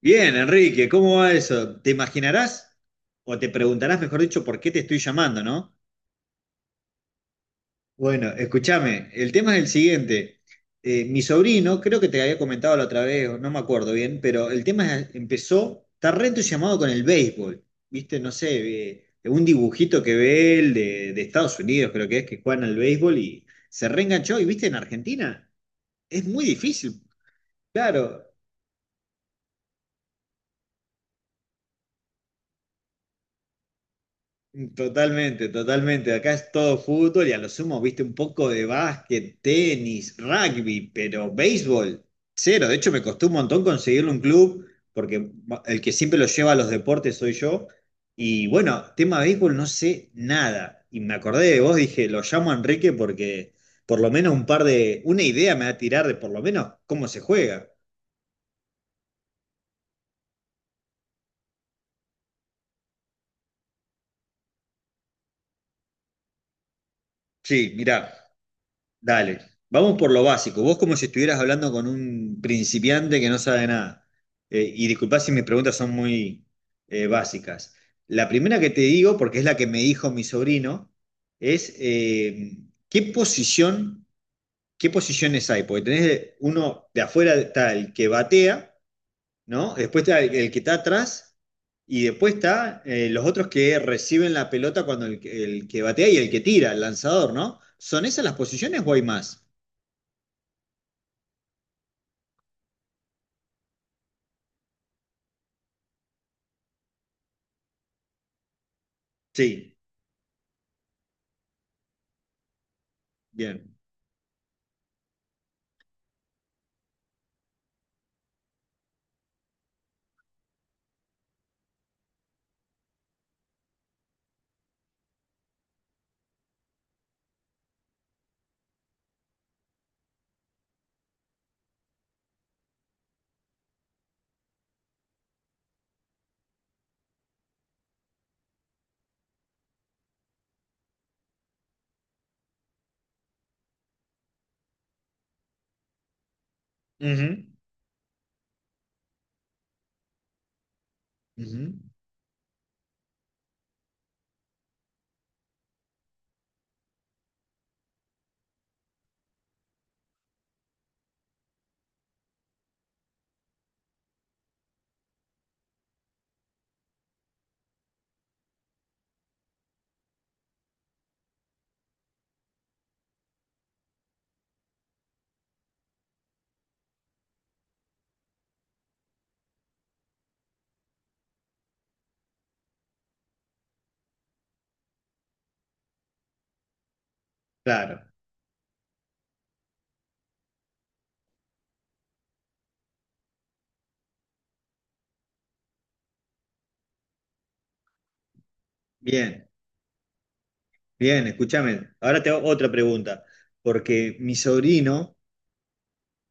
Bien, Enrique, ¿cómo va eso? ¿Te imaginarás o te preguntarás, mejor dicho, por qué te estoy llamando, no? Bueno, escúchame, el tema es el siguiente. Mi sobrino, creo que te había comentado la otra vez, o no me acuerdo bien, pero empezó, está re entusiasmado con el béisbol, ¿viste? No sé, un dibujito que ve él de Estados Unidos, creo que es, que juegan al béisbol y se reenganchó, y viste, en Argentina es muy difícil, claro. Totalmente, totalmente. Acá es todo fútbol y a lo sumo, viste, un poco de básquet, tenis, rugby, pero béisbol, cero. De hecho, me costó un montón conseguirle un club, porque el que siempre lo lleva a los deportes soy yo. Y bueno, tema béisbol no sé nada. Y me acordé de vos, dije, lo llamo a Enrique porque por lo menos un par de, una idea me va a tirar de por lo menos cómo se juega. Sí, mirá. Dale, vamos por lo básico. Vos como si estuvieras hablando con un principiante que no sabe nada. Y disculpá si mis preguntas son muy básicas. La primera que te digo, porque es la que me dijo mi sobrino, es ¿qué posición, qué posiciones hay? Porque tenés uno de afuera está el que batea, ¿no? Después está el que está atrás y después está los otros que reciben la pelota cuando el que batea y el que tira, el lanzador, ¿no? ¿Son esas las posiciones o hay más? Sí. Bien. Ujú. Ujú. Claro. Bien, bien, escúchame. Ahora te hago otra pregunta, porque mi sobrino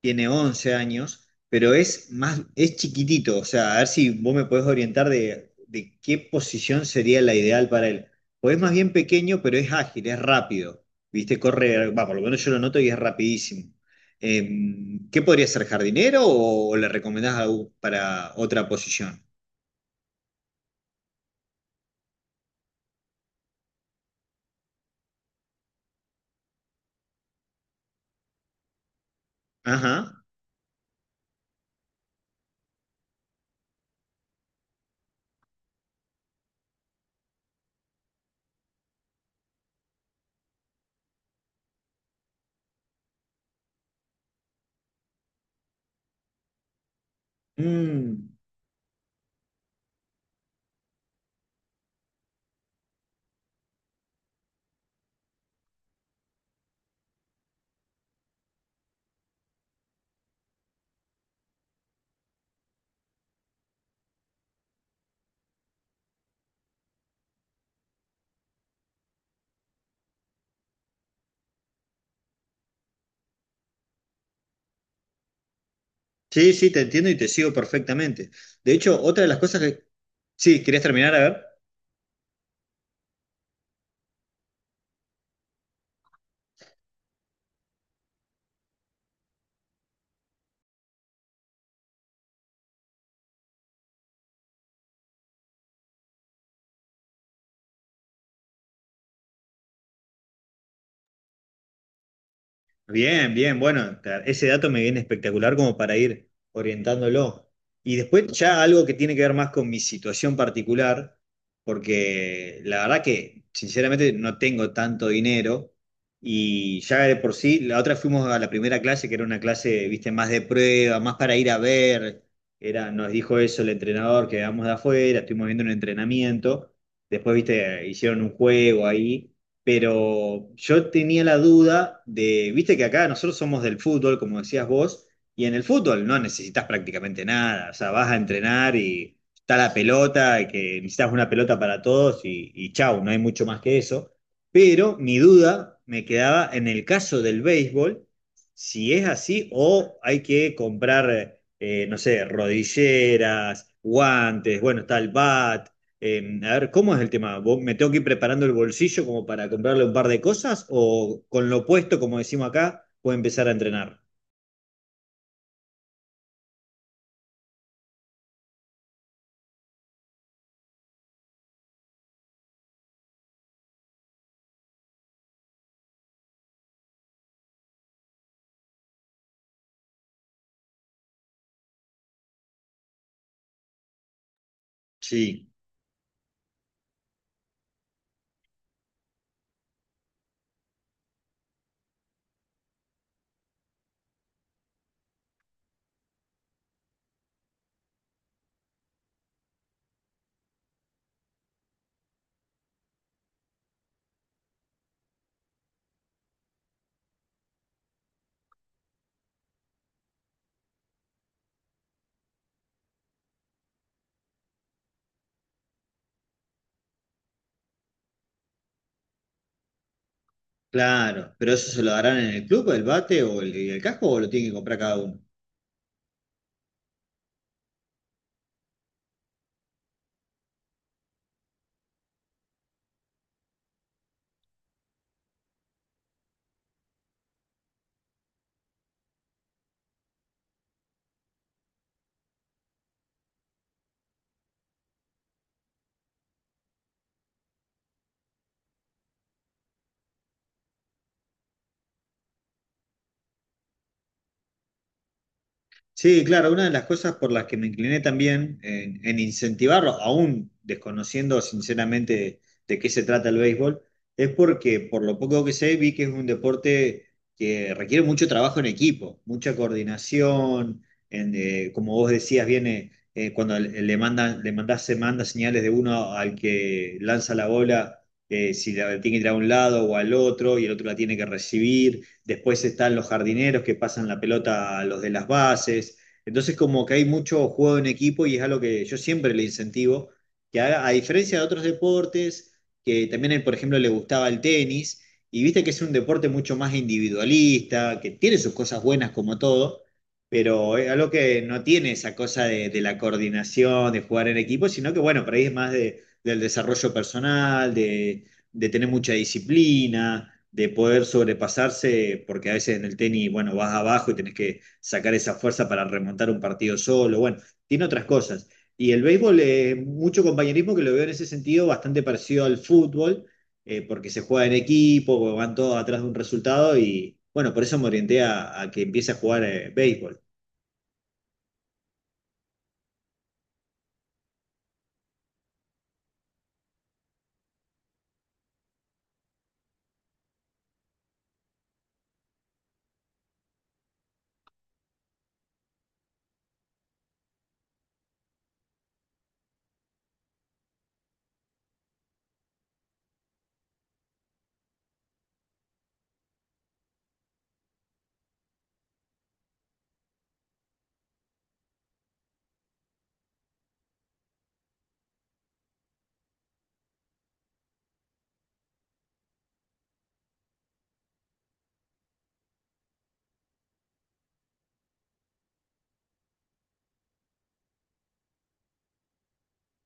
tiene 11 años, pero es más, es chiquitito, o sea, a ver si vos me podés orientar de qué posición sería la ideal para él. Pues es más bien pequeño, pero es ágil, es rápido, ¿viste? Corre, va, por lo menos yo lo noto y es rapidísimo. ¿Qué podría ser, jardinero o le recomendás algo para otra posición? Ajá. Mm, sí, sí, te entiendo y te sigo perfectamente. De hecho, otra de las cosas que... Sí, ¿querías terminar? A ver. Bien, bien, bueno, ese dato me viene espectacular como para ir orientándolo. Y después ya algo que tiene que ver más con mi situación particular, porque la verdad que sinceramente no tengo tanto dinero y ya de por sí, la otra fuimos a la primera clase, que era una clase, viste, más de prueba, más para ir a ver, era, nos dijo eso el entrenador, que vamos de afuera, estuvimos viendo un entrenamiento, después, viste, hicieron un juego ahí, pero yo tenía la duda de, viste que acá nosotros somos del fútbol, como decías vos, y en el fútbol no necesitas prácticamente nada, o sea, vas a entrenar y está la pelota, y que necesitas una pelota para todos y chau, no hay mucho más que eso. Pero mi duda me quedaba en el caso del béisbol, si es así o hay que comprar, no sé, rodilleras, guantes, bueno, está el bat. A ver, ¿cómo es el tema? Me tengo que ir preparando el bolsillo como para comprarle un par de cosas? ¿O con lo puesto, como decimos acá, puedo empezar a entrenar? Sí, claro. ¿Pero eso se lo darán en el club, el bate o el casco o lo tienen que comprar cada uno? Sí, claro, una de las cosas por las que me incliné también en incentivarlo, aún desconociendo sinceramente de qué se trata el béisbol, es porque por lo poco que sé vi que es un deporte que requiere mucho trabajo en equipo, mucha coordinación, como vos decías, viene cuando le mandan, le mandás, se manda señales de uno al que lanza la bola, si la tiene que ir a un lado o al otro, y el otro la tiene que recibir, después están los jardineros que pasan la pelota a los de las bases. Entonces, como que hay mucho juego en equipo y es algo que yo siempre le incentivo, que haga, a diferencia de otros deportes, que también a él, por ejemplo, le gustaba el tenis, y viste que es un deporte mucho más individualista, que tiene sus cosas buenas como todo, pero es algo que no tiene esa cosa de la coordinación, de jugar en equipo, sino que, bueno, por ahí es más del desarrollo personal, de tener mucha disciplina, de poder sobrepasarse, porque a veces en el tenis, bueno, vas abajo y tenés que sacar esa fuerza para remontar un partido solo, bueno, tiene otras cosas. Y el béisbol, mucho compañerismo que lo veo en ese sentido bastante parecido al fútbol, porque se juega en equipo, van todos atrás de un resultado y bueno, por eso me orienté a que empiece a jugar béisbol,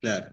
claro.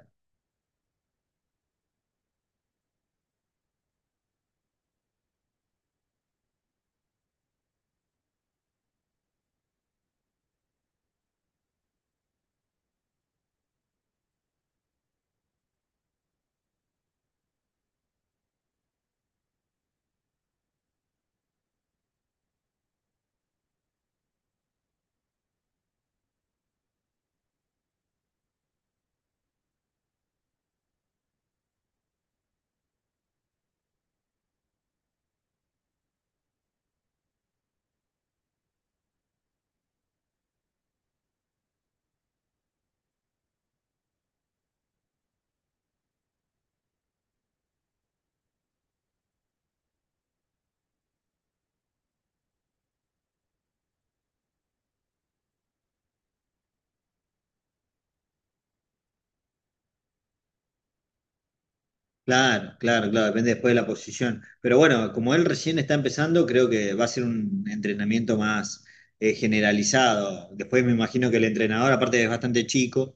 Claro, claro, claro, depende después de la posición. Pero bueno, como él recién está empezando, creo que va a ser un entrenamiento más generalizado. Después me imagino que el entrenador, aparte es bastante chico,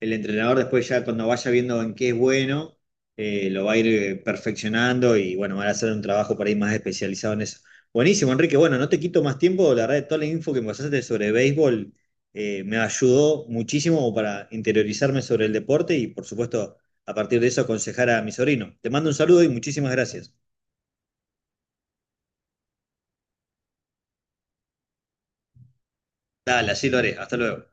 el entrenador después ya cuando vaya viendo en qué es bueno, lo va a ir perfeccionando y bueno, van a hacer un trabajo para ir más especializado en eso. Buenísimo, Enrique. Bueno, no te quito más tiempo. La verdad, toda la info que me pasaste sobre béisbol me ayudó muchísimo para interiorizarme sobre el deporte y por supuesto a partir de eso aconsejar a mi sobrino. Te mando un saludo y muchísimas gracias. Dale, así lo haré. Hasta luego.